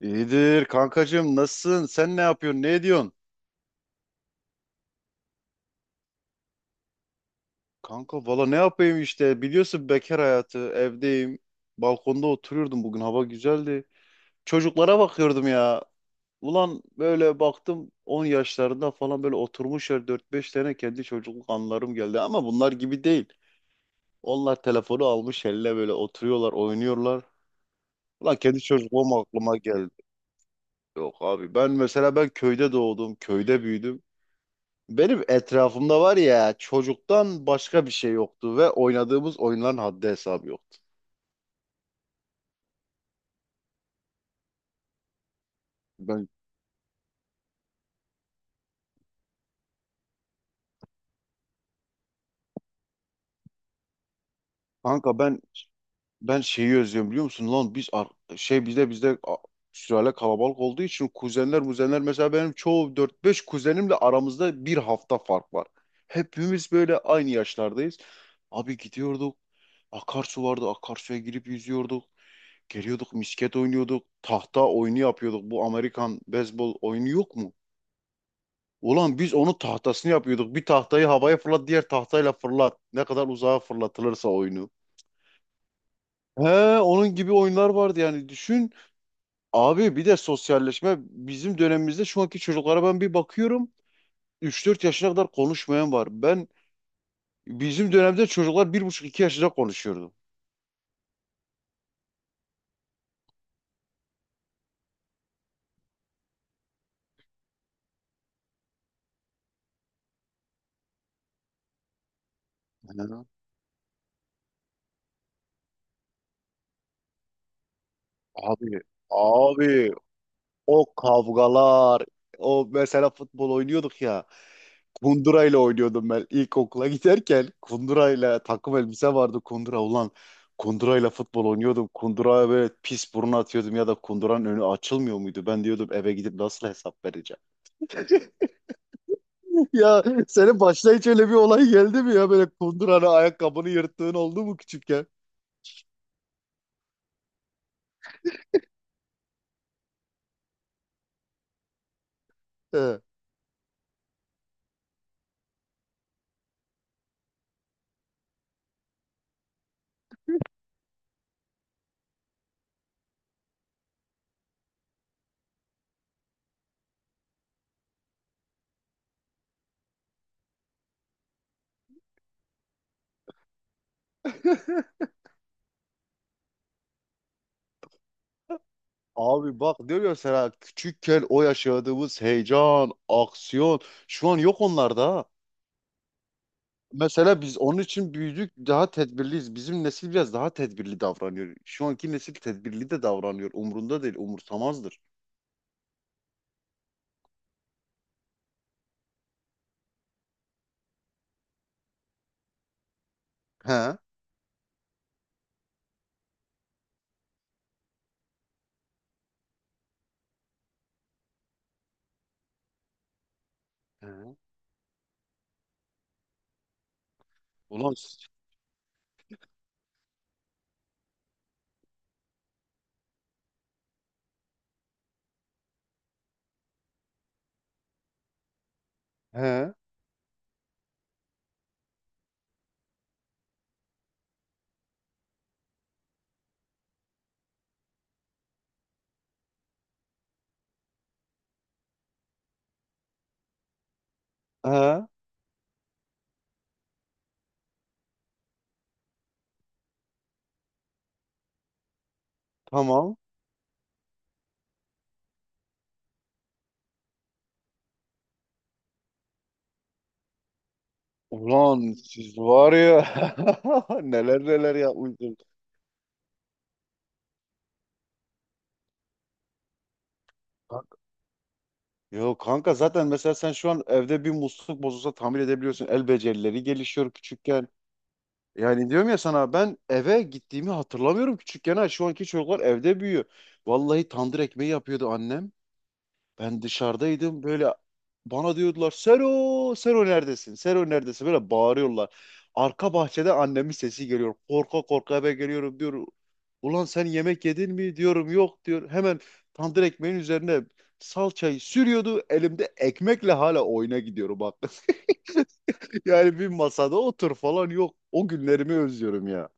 İyidir kankacığım, nasılsın? Sen ne yapıyorsun? Ne ediyorsun? Kanka, valla ne yapayım işte, biliyorsun, bekar hayatı, evdeyim. Balkonda oturuyordum, bugün hava güzeldi. Çocuklara bakıyordum ya. Ulan böyle baktım, 10 yaşlarında falan böyle oturmuşlar dört beş tane, kendi çocukluk anılarım geldi. Ama bunlar gibi değil. Onlar telefonu almış eline, böyle oturuyorlar, oynuyorlar. Ulan kendi çocukluğum aklıma geldi. Yok abi, ben mesela ben köyde doğdum, köyde büyüdüm. Benim etrafımda var ya çocuktan başka bir şey yoktu ve oynadığımız oyunların haddi hesabı yoktu. Ben kanka, ben şeyi özlüyorum, biliyor musun lan? Şey bizde bizde a- Sülale kalabalık olduğu için kuzenler muzenler, mesela benim çoğu dört beş kuzenimle aramızda bir hafta fark var. Hepimiz böyle aynı yaşlardayız. Abi, gidiyorduk. Akarsu vardı. Akarsuya girip yüzüyorduk. Geliyorduk, misket oynuyorduk. Tahta oyunu yapıyorduk. Bu Amerikan beyzbol oyunu yok mu? Ulan biz onun tahtasını yapıyorduk. Bir tahtayı havaya fırlat, diğer tahtayla fırlat. Ne kadar uzağa fırlatılırsa oyunu. He, onun gibi oyunlar vardı yani, düşün. Abi, bir de sosyalleşme, bizim dönemimizde şu anki çocuklara ben bir bakıyorum. Üç dört yaşına kadar konuşmayan var. Ben bizim dönemde çocuklar bir buçuk iki yaşında konuşuyordu. He. Abi, abi, o kavgalar, o mesela futbol oynuyorduk ya. Kundurayla oynuyordum ben, ilkokula giderken. Kundurayla, takım elbise vardı, kundura ulan. Kundurayla futbol oynuyordum. Kunduraya böyle pis burun atıyordum ya da kunduranın önü açılmıyor muydu? Ben diyordum eve gidip nasıl hesap vereceğim? Ya, senin başına hiç öyle bir olay geldi mi ya? Böyle kunduranın ayakkabını yırttığın oldu mu küçükken? He. Abi bak, diyor ya sana, küçükken o yaşadığımız heyecan, aksiyon şu an yok onlarda ha. Mesela biz onun için büyüdük, daha tedbirliyiz. Bizim nesil biraz daha tedbirli davranıyor. Şu anki nesil tedbirli de davranıyor. Umrunda değil, umursamazdır. He? He? Ulan siz- He? He? Tamam. Ulan siz var ya, neler neler yapmışsınız. Kanka- Yok kanka, zaten mesela sen şu an evde bir musluk bozulsa tamir edebiliyorsun. El becerileri gelişiyor küçükken. Yani diyorum ya sana, ben eve gittiğimi hatırlamıyorum küçükken ha. Şu anki çocuklar evde büyüyor. Vallahi tandır ekmeği yapıyordu annem. Ben dışarıdaydım, böyle bana diyordular: Sero, Sero neredesin? Sero neredesin? Böyle bağırıyorlar. Arka bahçede annemin sesi geliyor. Korka korka eve geliyorum, diyor: Ulan sen yemek yedin mi? Diyorum yok, diyor. Hemen tandır ekmeğin üzerine salçayı sürüyordu. Elimde ekmekle hala oyuna gidiyorum bak. Yani bir masada otur falan yok. O günlerimi özlüyorum ya.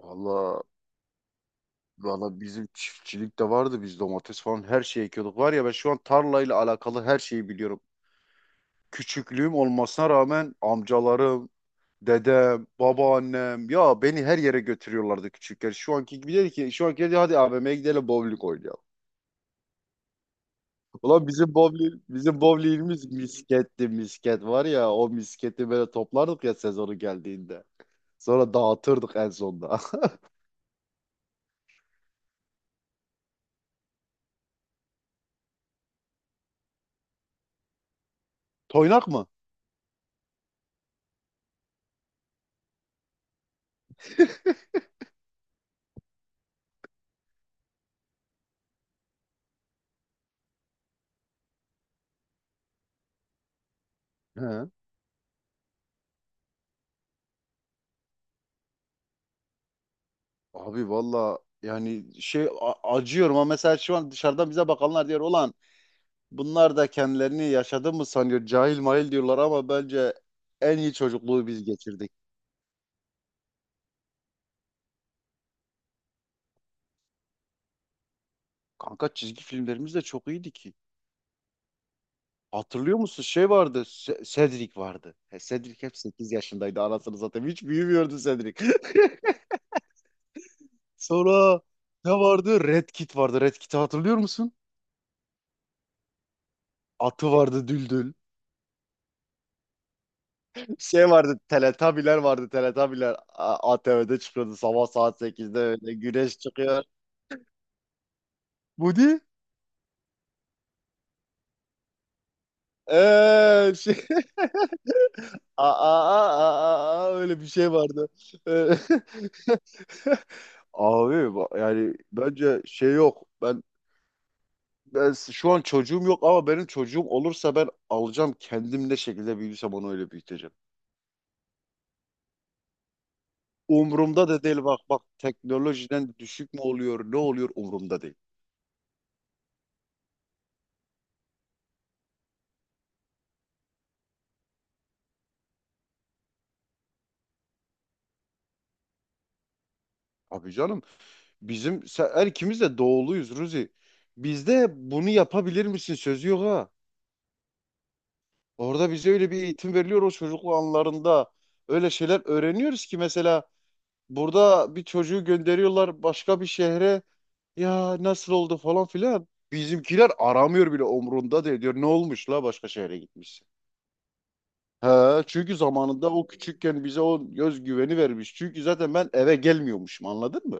Valla, bizim çiftçilik de vardı, biz domates falan her şeyi ekiyorduk. Var ya, ben şu an tarlayla alakalı her şeyi biliyorum. Küçüklüğüm olmasına rağmen amcalarım, dedem, babaannem ya beni her yere götürüyorlardı küçükken. Şu anki dedi hadi AVM'ye gidelim, bowling oynayalım. Ulan bizim bowlingimiz misketti, misket var ya, o misketi böyle toplardık ya sezonu geldiğinde. Sonra dağıtırdık en sonda. Toynak mı? He. Abi valla, yani acıyorum, ama mesela şu an dışarıdan bize bakanlar diyor olan: Bunlar da kendilerini yaşadı mı sanıyor? Cahil mahil diyorlar, ama bence en iyi çocukluğu biz geçirdik. Kanka çizgi filmlerimiz de çok iyiydi ki. Hatırlıyor musun? Şey vardı. Cedric vardı. He, Cedric hep 8 yaşındaydı. Anasını, zaten hiç büyümüyordu Cedric. Sonra ne vardı? Red Kit vardı. Red Kit'i hatırlıyor musun? Atı vardı, Düldül. Şey vardı. Teletabiler vardı. Teletabiler ATV'de çıkıyordu sabah saat 8'de öyle. Güneş çıkıyor. Budi? Şey... Aa, aa, aa, aa, öyle bir şey vardı. Ee, Abi yani bence şey yok. Ben şu an çocuğum yok, ama benim çocuğum olursa ben alacağım, kendim ne şekilde büyürsem onu öyle büyüteceğim. Umurumda da değil, bak bak teknolojiden düşük mü oluyor ne oluyor, umurumda değil. Abi canım, bizim sen, her ikimiz de doğuluyuz Ruzi. Bizde bunu yapabilir misin sözü yok ha. Orada bize öyle bir eğitim veriliyor, o çocukluk anlarında. Öyle şeyler öğreniyoruz ki mesela burada bir çocuğu gönderiyorlar başka bir şehre. Ya nasıl oldu falan filan. Bizimkiler aramıyor bile, umrunda değil, diyor ne olmuş la, başka şehre gitmişsin. He, çünkü zamanında o küçükken bize o göz güveni vermiş. Çünkü zaten ben eve gelmiyormuşum, anladın mı?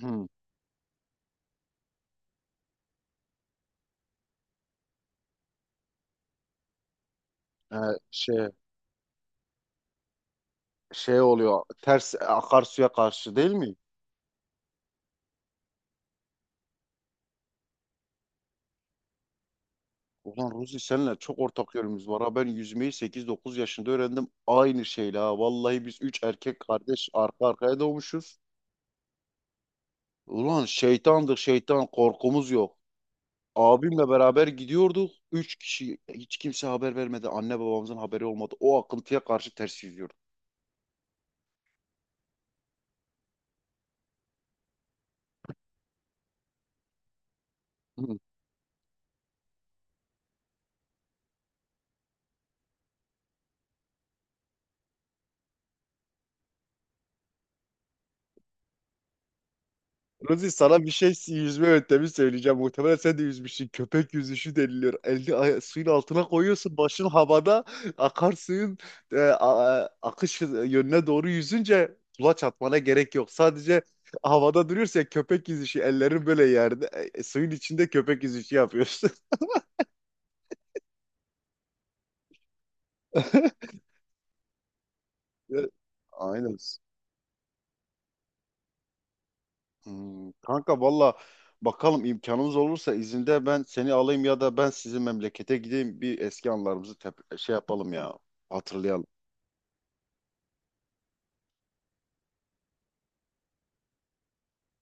Hmm. He, şey şey oluyor ters, akarsuya karşı değil mi? Ulan Ruzi, senle çok ortak yönümüz var ha. Ben yüzmeyi 8-9 yaşında öğrendim. Aynı şeyle ha. Vallahi biz 3 erkek kardeş arka arkaya doğmuşuz. Ulan şeytandır şeytan, korkumuz yok. Abimle beraber gidiyorduk. Üç kişi, hiç kimse haber vermedi. Anne babamızın haberi olmadı. O akıntıya karşı ters yüzüyorduk. Hı. Ruzi, sana bir şey, yüzme yöntemi söyleyeceğim. Muhtemelen sen de yüzmüşsün. Köpek yüzüşü deniliyor. Elini suyun altına koyuyorsun. Başın havada. Akarsuyun akış yönüne doğru yüzünce kulaç atmana gerek yok. Sadece havada duruyorsun, köpek yüzüşü. Ellerin böyle yerde. Suyun içinde köpek yüzüşü yapıyorsun. Aynen. Hmm, kanka valla bakalım, imkanımız olursa izinde ben seni alayım ya da ben sizin memlekete gideyim, bir eski anılarımızı şey yapalım ya, hatırlayalım.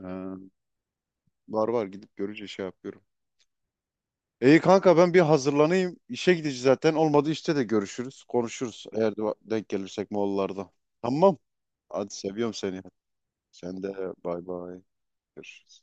Ee, var var, gidip görünce şey yapıyorum. İyi kanka, ben bir hazırlanayım. İşe gideceğiz zaten. Olmadı işte de görüşürüz, konuşuruz. Eğer de denk gelirsek Moğollarda. Tamam. Hadi, seviyorum seni. Sen de, bay bay. Görüşürüz.